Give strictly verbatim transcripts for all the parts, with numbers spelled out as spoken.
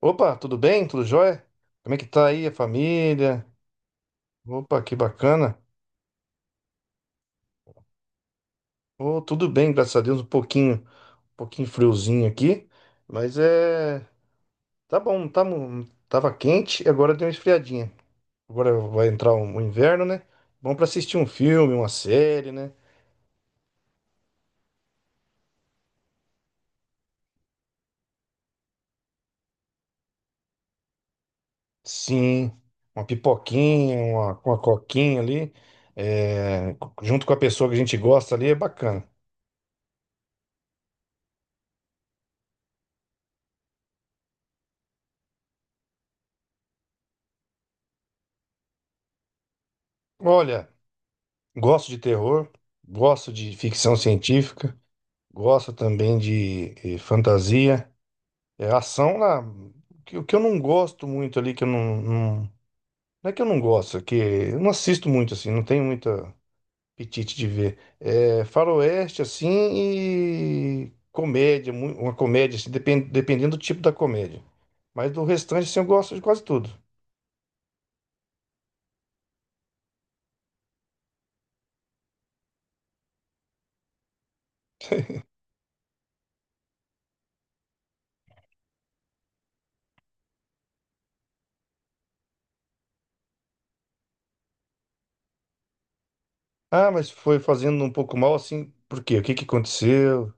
Opa, tudo bem? Tudo jóia? Como é que tá aí a família? Opa, que bacana. Oh, tudo bem, graças a Deus, um pouquinho, um pouquinho friozinho aqui, mas é, tá bom, tá, mu- tava quente e agora deu uma esfriadinha. Agora vai entrar um- o inverno, né? Bom pra assistir um filme, uma série, né? Sim, uma pipoquinha, uma, uma coquinha ali, é, junto com a pessoa que a gente gosta ali, é bacana. Olha, gosto de terror, gosto de ficção científica. Gosto também de eh, fantasia. É, ação lá. O que o que eu não gosto muito ali, que eu não, não. Não é que eu não gosto, é que eu não assisto muito assim, não tenho muito apetite de ver. É faroeste assim e comédia, mu- uma comédia, assim, depen- dependendo do tipo da comédia. Mas do restante, assim, eu gosto de quase tudo. Ah, mas foi fazendo um pouco mal assim, por quê? O que que aconteceu?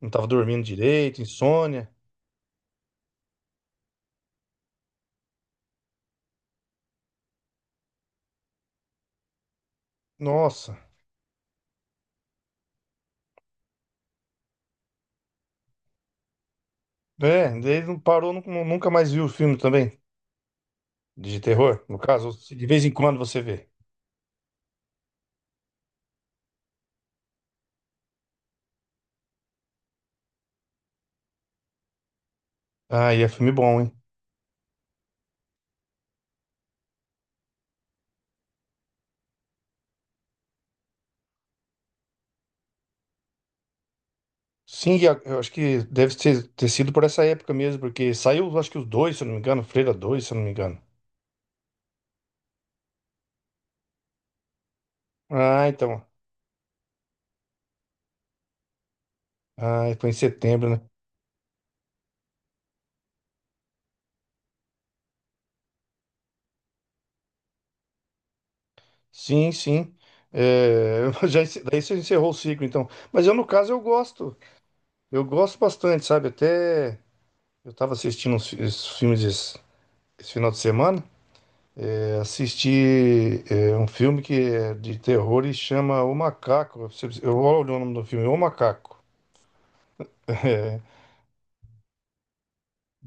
Não estava dormindo direito, insônia. Nossa. É, daí não parou, nu- nunca mais viu o filme também. De terror, no caso, se de vez em quando você vê. Ah, e é filme bom, hein? Sim, e a- eu acho que deve ter, ter sido por essa época mesmo, porque saiu, acho que os dois, se eu não me engano, Freira dois, se eu não me engano. Ah, então. Ah, foi em setembro, né? Sim, sim. É, já, ence- daí você encerrou o ciclo, então. Mas eu, no caso, eu gosto. Eu gosto bastante, sabe? Até eu tava assistindo uns, fi- esses filmes esse, esse final de semana. Assisti é, um filme que é de terror e chama O Macaco. Eu vou olhar o nome do filme, O Macaco.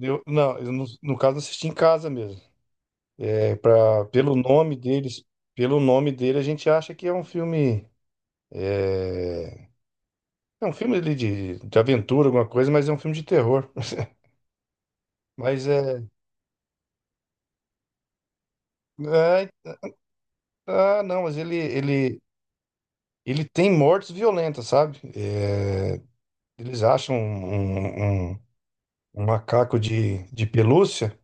É, eu- não, eu no, no caso assisti em casa mesmo. É, pra, pelo nome deles, pelo nome dele a gente acha que é um filme é, é um filme ali de, de aventura, alguma coisa, mas é um filme de terror. Mas é, é ah, não, mas ele ele ele tem mortes violentas, sabe? É, eles acham um, um- um um macaco de, de pelúcia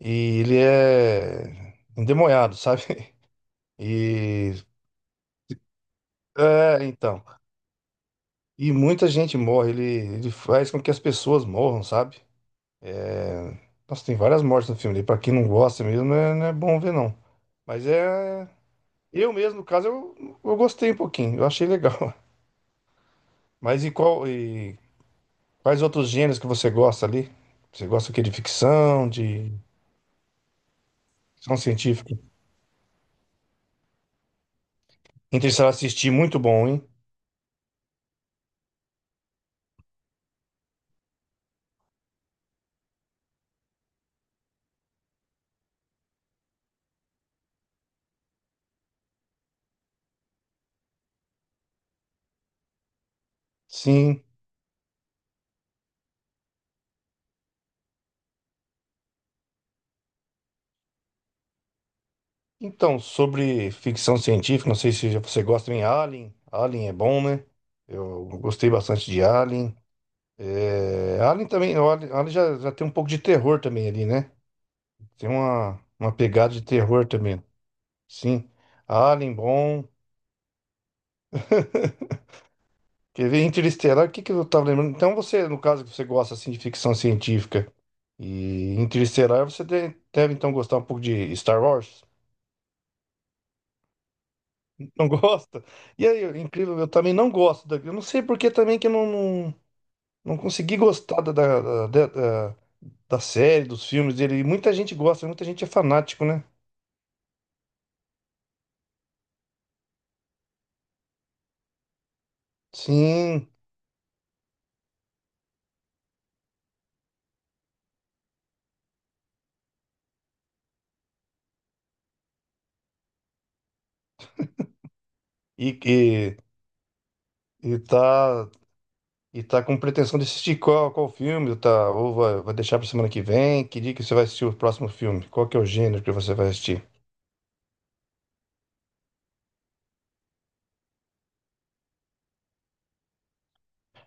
e ele é endemoniado, sabe? E é, então, e muita gente morre, ele, ele faz com que as pessoas morram, sabe? Nossa, tem várias mortes no filme, e pra quem não gosta mesmo, não é, não é bom ver não. Mas é eu mesmo, no caso, eu, eu gostei um pouquinho, eu achei legal. Mas e qual e quais outros gêneros que você gosta ali? Você gosta o quê? De ficção, de Ficção científica? Interestelar assisti, muito bom, hein? Sim. Então, sobre ficção científica, não sei se já você gosta em Alien. Alien é bom, né? Eu gostei bastante de Alien. É, Alien também, o Alien, Alien já, já tem um pouco de terror também ali, né? Tem uma, uma pegada de terror também. Sim. Alien, bom. Quer ver Interestelar? O que que eu tava lembrando? Então, você, no caso que você gosta assim de ficção científica e Interestelar, você de- deve então gostar um pouco de Star Wars? Não gosta? E aí, incrível, eu também não gosto da. Eu não sei por que também que eu não... não- Não consegui gostar da, da, da, da- da série, dos filmes dele. E muita gente gosta, muita gente é fanático, né? Sim, e, e, e tá, e tá com pretensão de assistir qual, qual filme, tá? Ou vai, vai deixar pra semana que vem? Que dia que você vai assistir o próximo filme? Qual que é o gênero que você vai assistir?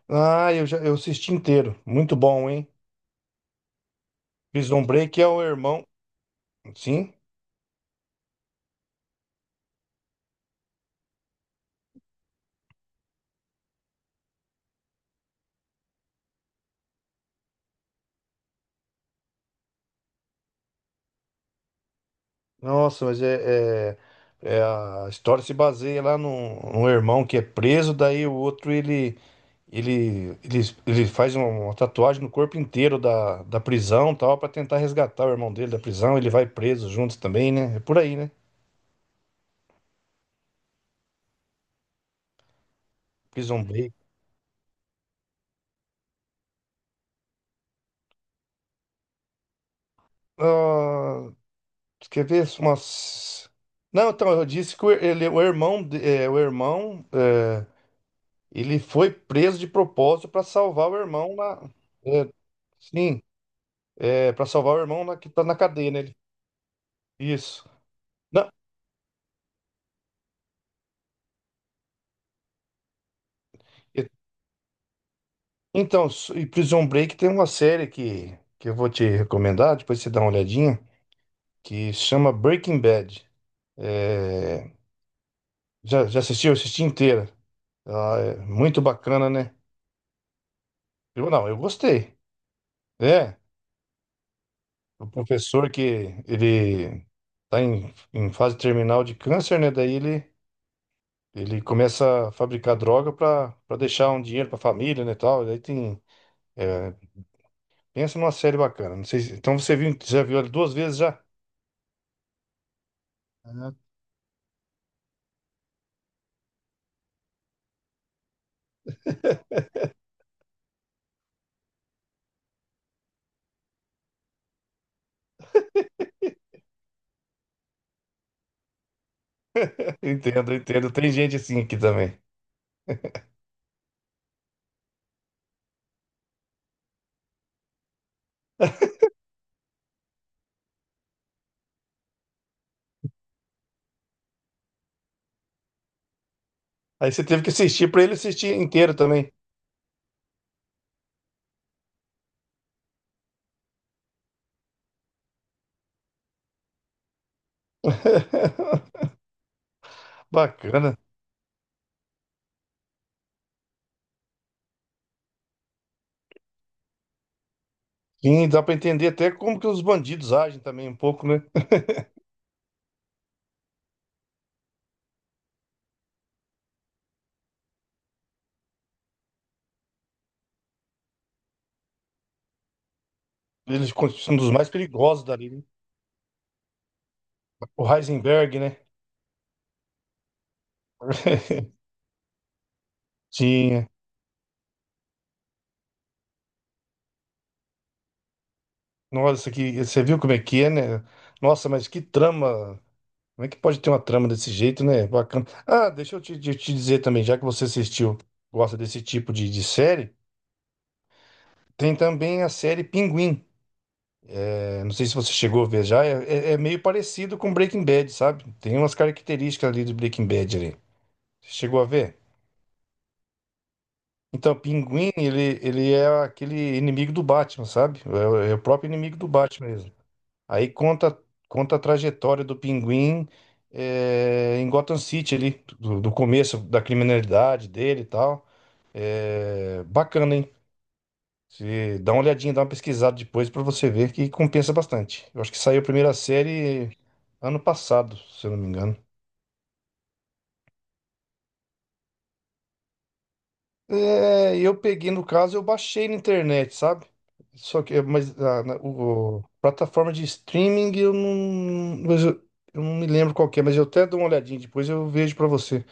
Ah, eu já eu assisti inteiro. Muito bom, hein? Prison Break é o irmão. Sim. Nossa, mas é, é- é a história se baseia lá num, num irmão que é preso, daí o outro ele ele, ele, ele faz um, uma tatuagem no corpo inteiro da, da prisão, e tal, pra tentar resgatar o irmão dele da prisão, ele vai preso juntos também, né? É por aí, né? Prison Break. Ah, quer ver umas. Não, então, eu disse que o, ele, o irmão, de- é, o irmão, é, ele foi preso de propósito para salvar o irmão na. É, sim, É, pra salvar o irmão lá que tá na cadeia, né? Ele- Isso. Não, e- então, s- e Prison Break tem uma série que, que eu vou te recomendar, depois você dá uma olhadinha, que chama Breaking Bad. É, já, já assistiu? Eu assisti inteira. Ah, é muito bacana, né? Eu não, eu gostei. É, o professor que ele tá em, em fase terminal de câncer, né? Daí ele, ele começa a fabricar droga para deixar um dinheiro para a família, né, tal. Daí tem, é, pensa numa série bacana. Não sei. se- Então você viu, já viu ela duas vezes já? Ah, Entendo, entendo. Tem gente assim aqui também. Aí você teve que assistir pra ele assistir inteiro também. Bacana. Sim, dá pra entender até como que os bandidos agem também um pouco, né? Eles são dos mais perigosos dali, né? O Heisenberg, né? Tinha. Nossa, que você viu como é que é, né? Nossa, mas que trama. Como é que pode ter uma trama desse jeito, né? Bacana. Ah, deixa eu te, te- te dizer também, já que você assistiu, gosta desse tipo de, de série, tem também a série Pinguim. É, não sei se você chegou a ver já, é, é- é meio parecido com Breaking Bad, sabe? Tem umas características ali do Breaking Bad ali. Você chegou a ver? Então, Pinguim, ele, ele é aquele inimigo do Batman, sabe? É, o é o próprio inimigo do Batman mesmo. Aí conta, conta a trajetória do Pinguim, é, em Gotham City ali, do do começo da criminalidade dele e tal. É bacana, hein? Se dá uma olhadinha, dá uma pesquisada depois pra você ver que compensa bastante. Eu acho que saiu a primeira série ano passado, se eu não me engano. É, eu peguei no caso, eu baixei na internet, sabe? Só que, mas a, na- o, plataforma de streaming eu não, mas eu, eu não me lembro qual que é, mas eu até dou uma olhadinha depois eu vejo pra você.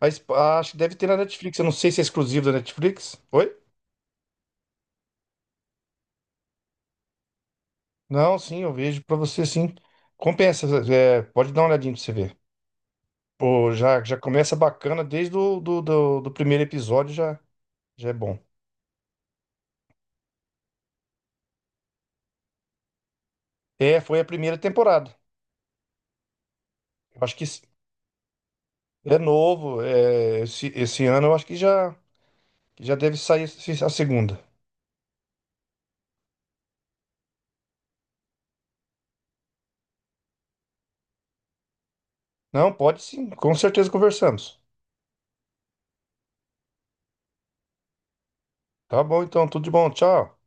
A Sp- ah, Acho que deve ter na Netflix, eu não sei se é exclusivo da Netflix. Oi? Não, sim, eu vejo pra você sim. Compensa, é, pode dar uma olhadinha pra você ver. Pô, já, já começa bacana desde o do, do, do primeiro episódio, já, já é bom. É, foi a primeira temporada. Eu acho que s- é novo, é, esse, esse ano eu acho que já, que já deve sair se- a segunda. Não, pode sim, com certeza conversamos. Tá bom então, tudo de bom, tchau.